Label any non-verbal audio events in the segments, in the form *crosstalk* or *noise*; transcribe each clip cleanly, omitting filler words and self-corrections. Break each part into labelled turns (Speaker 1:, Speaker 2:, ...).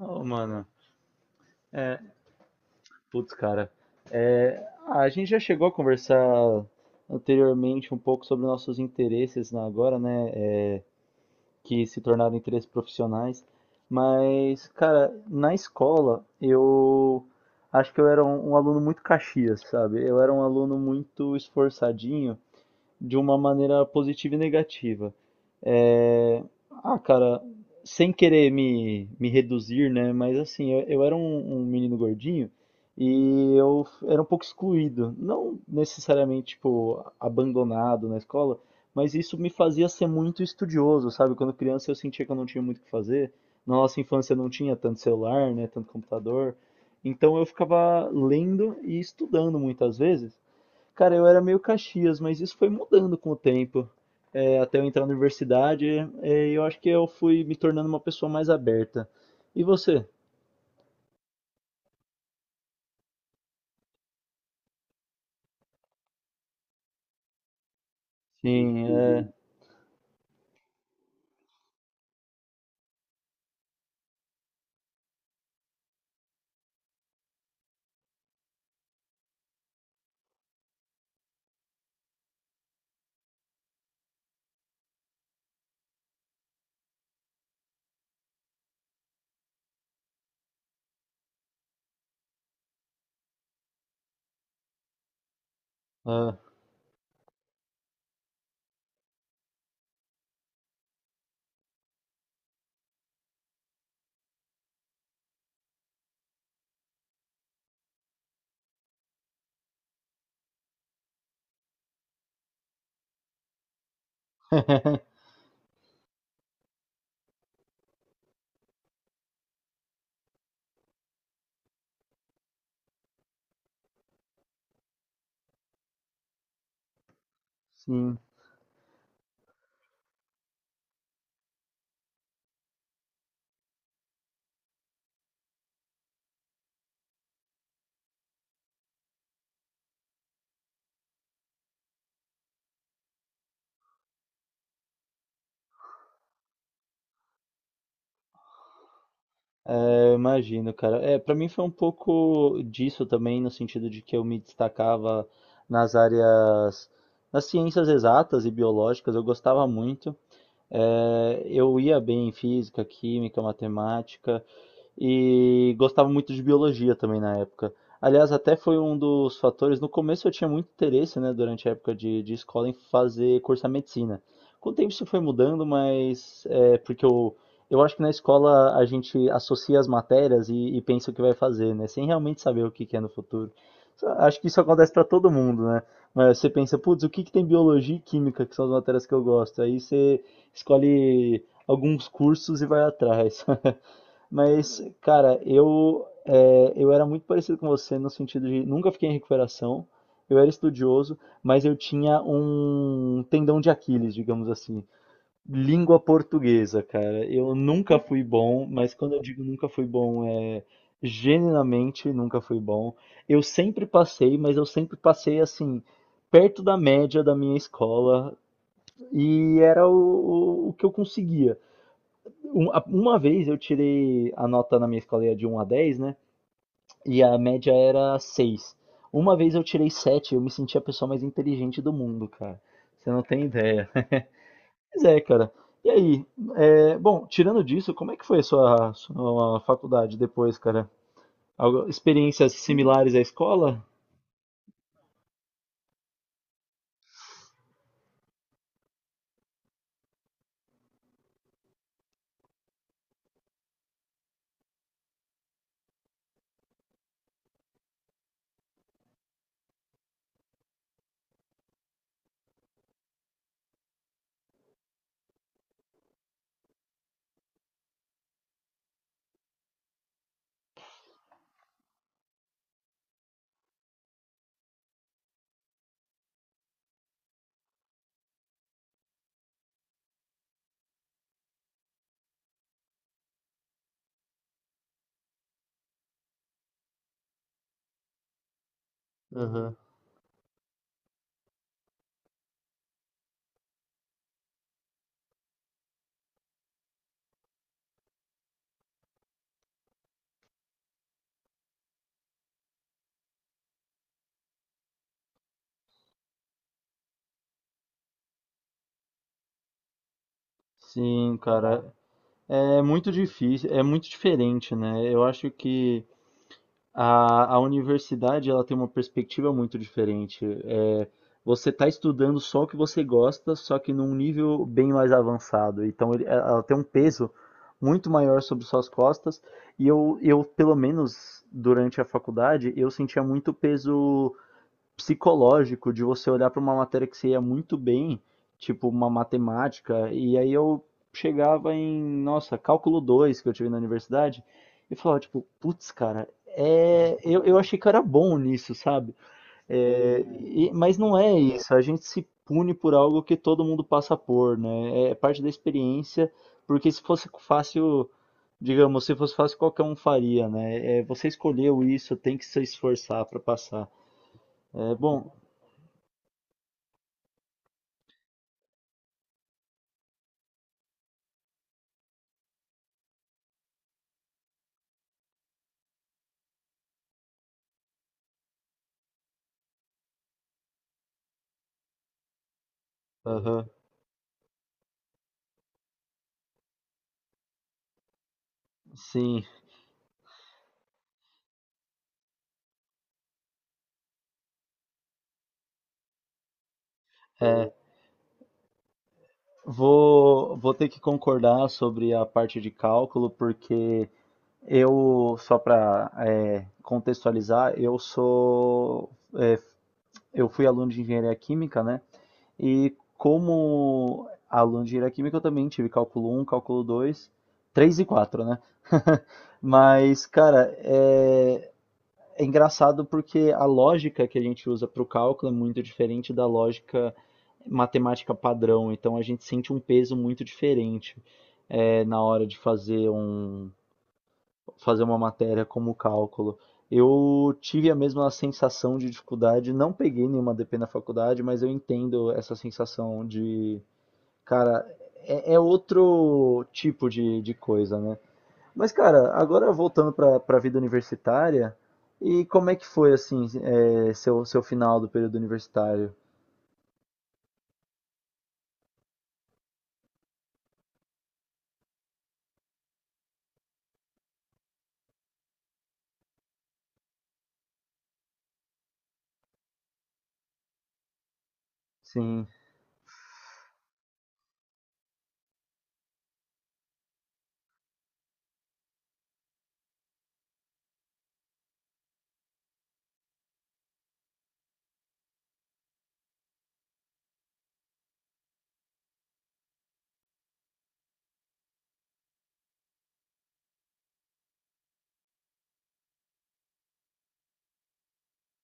Speaker 1: Oh mano, é, putz, cara, é, a gente já chegou a conversar anteriormente um pouco sobre nossos interesses na agora, né, é, que se tornaram interesses profissionais, mas, cara, na escola eu acho que eu era um aluno muito caxias, sabe? Eu era um aluno muito esforçadinho de uma maneira positiva e negativa. É, ah, cara, sem querer me reduzir, né? Mas assim, eu era um menino gordinho e eu era um pouco excluído. Não necessariamente, tipo, abandonado na escola, mas isso me fazia ser muito estudioso, sabe? Quando criança eu sentia que eu não tinha muito o que fazer. Na nossa infância não tinha tanto celular, né? Tanto computador. Então eu ficava lendo e estudando muitas vezes. Cara, eu era meio Caxias, mas isso foi mudando com o tempo. É, até eu entrar na universidade, é, eu acho que eu fui me tornando uma pessoa mais aberta. E você? Sim, é. Ah, *laughs* sim, é, eu imagino, cara. É, para mim foi um pouco disso também, no sentido de que eu me destacava nas áreas, nas ciências exatas e biológicas, eu gostava muito. É, eu ia bem em física, química, matemática. E gostava muito de biologia também na época. Aliás, até foi um dos fatores. No começo eu tinha muito interesse, né, durante a época de escola, em fazer curso de medicina. Com o tempo isso foi mudando, mas é porque eu acho que na escola a gente associa as matérias e pensa o que vai fazer, né, sem realmente saber o que que é no futuro. Acho que isso acontece para todo mundo, né? Mas você pensa, putz, o que que tem biologia e química, que são as matérias que eu gosto? Aí você escolhe alguns cursos e vai atrás. *laughs* Mas, cara, eu era muito parecido com você no sentido de nunca fiquei em recuperação, eu era estudioso, mas eu tinha um tendão de Aquiles, digamos assim. Língua portuguesa, cara. Eu nunca fui bom, mas quando eu digo nunca fui bom, é genuinamente nunca fui bom. Eu sempre passei, mas eu sempre passei assim, perto da média da minha escola, e era o que eu conseguia. Uma vez eu tirei a nota na minha escola era de 1 a 10, né? E a média era 6. Uma vez eu tirei 7, eu me senti a pessoa mais inteligente do mundo, cara. Você não tem ideia. *laughs* Mas é, cara. E aí? É, bom, tirando disso, como é que foi a sua faculdade depois, cara? Experiências similares à escola? Aham. Sim, cara. É muito difícil, é muito diferente, né? Eu acho que a universidade ela tem uma perspectiva muito diferente. É, você está estudando só o que você gosta, só que num nível bem mais avançado. Então ela tem um peso muito maior sobre suas costas. E eu, pelo menos durante a faculdade, eu sentia muito peso psicológico de você olhar para uma matéria que você ia muito bem, tipo uma matemática, e aí eu chegava em, nossa, Cálculo 2 que eu tive na universidade, e falava, tipo, putz, cara, eu achei que eu era bom nisso, sabe? É, mas não é isso, a gente se pune por algo que todo mundo passa por, né? É parte da experiência, porque se fosse fácil, digamos, se fosse fácil, qualquer um faria, né? É, você escolheu isso, tem que se esforçar para passar. É, bom. Aham. Sim, é. Vou ter que concordar sobre a parte de cálculo, porque eu, só para contextualizar, é, eu fui aluno de engenharia química, né? E como aluno de engenharia química, eu também tive Cálculo 1, Cálculo 2, 3 e 4, né? *laughs* Mas, cara, é engraçado porque a lógica que a gente usa para o cálculo é muito diferente da lógica matemática padrão, então a gente sente um peso muito diferente na hora de fazer uma matéria como cálculo. Eu tive a mesma sensação de dificuldade, não peguei nenhuma DP na faculdade, mas eu entendo essa sensação de, cara, é outro tipo de coisa, né? Mas, cara, agora voltando para a vida universitária, e como é que foi, assim, seu final do período universitário? Sim.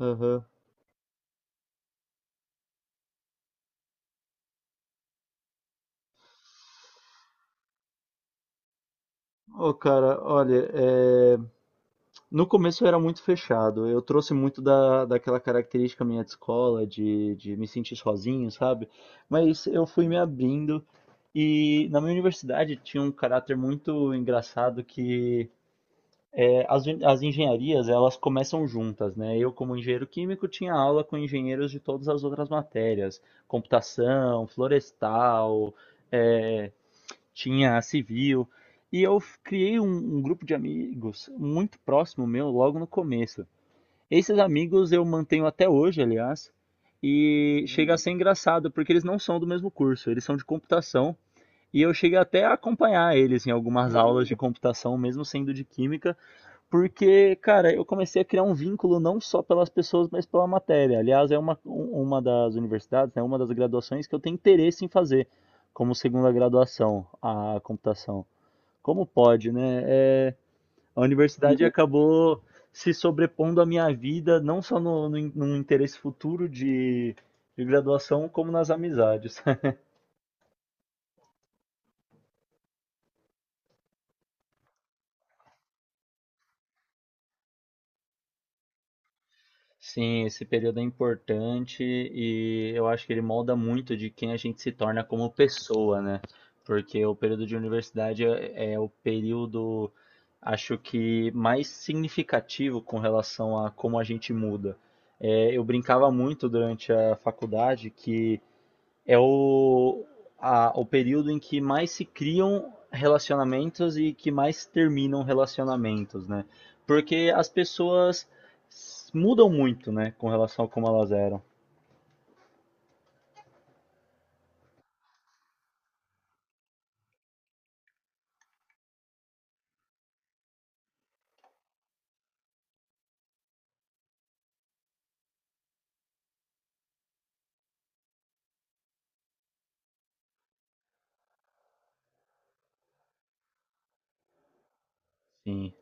Speaker 1: Aham. Ô, cara, olha, no começo eu era muito fechado. Eu trouxe muito daquela característica minha de escola, de me sentir sozinho, sabe? Mas eu fui me abrindo e na minha universidade tinha um caráter muito engraçado que. É, as engenharias, elas começam juntas, né? Eu, como engenheiro químico, tinha aula com engenheiros de todas as outras matérias, computação, florestal, eh, tinha civil, e eu criei um grupo de amigos muito próximo meu logo no começo. Esses amigos eu mantenho até hoje, aliás, e chega a ser engraçado, porque eles não são do mesmo curso, eles são de computação, e eu cheguei até a acompanhar eles em algumas aulas de computação, mesmo sendo de química, porque, cara, eu comecei a criar um vínculo não só pelas pessoas, mas pela matéria. Aliás, é uma das universidades, né, uma das graduações que eu tenho interesse em fazer como segunda graduação, a computação. Como pode, né? É, a universidade, uhum, acabou se sobrepondo à minha vida, não só no, no, in- num interesse futuro de graduação, como nas amizades. Sim, esse período é importante e eu acho que ele molda muito de quem a gente se torna como pessoa, né? Porque o período de universidade é o período, acho que mais significativo com relação a como a gente muda. É, eu brincava muito durante a faculdade que é o período em que mais se criam relacionamentos e que mais terminam relacionamentos, né? Porque as pessoas mudam muito, né, com relação a como elas eram. Sim.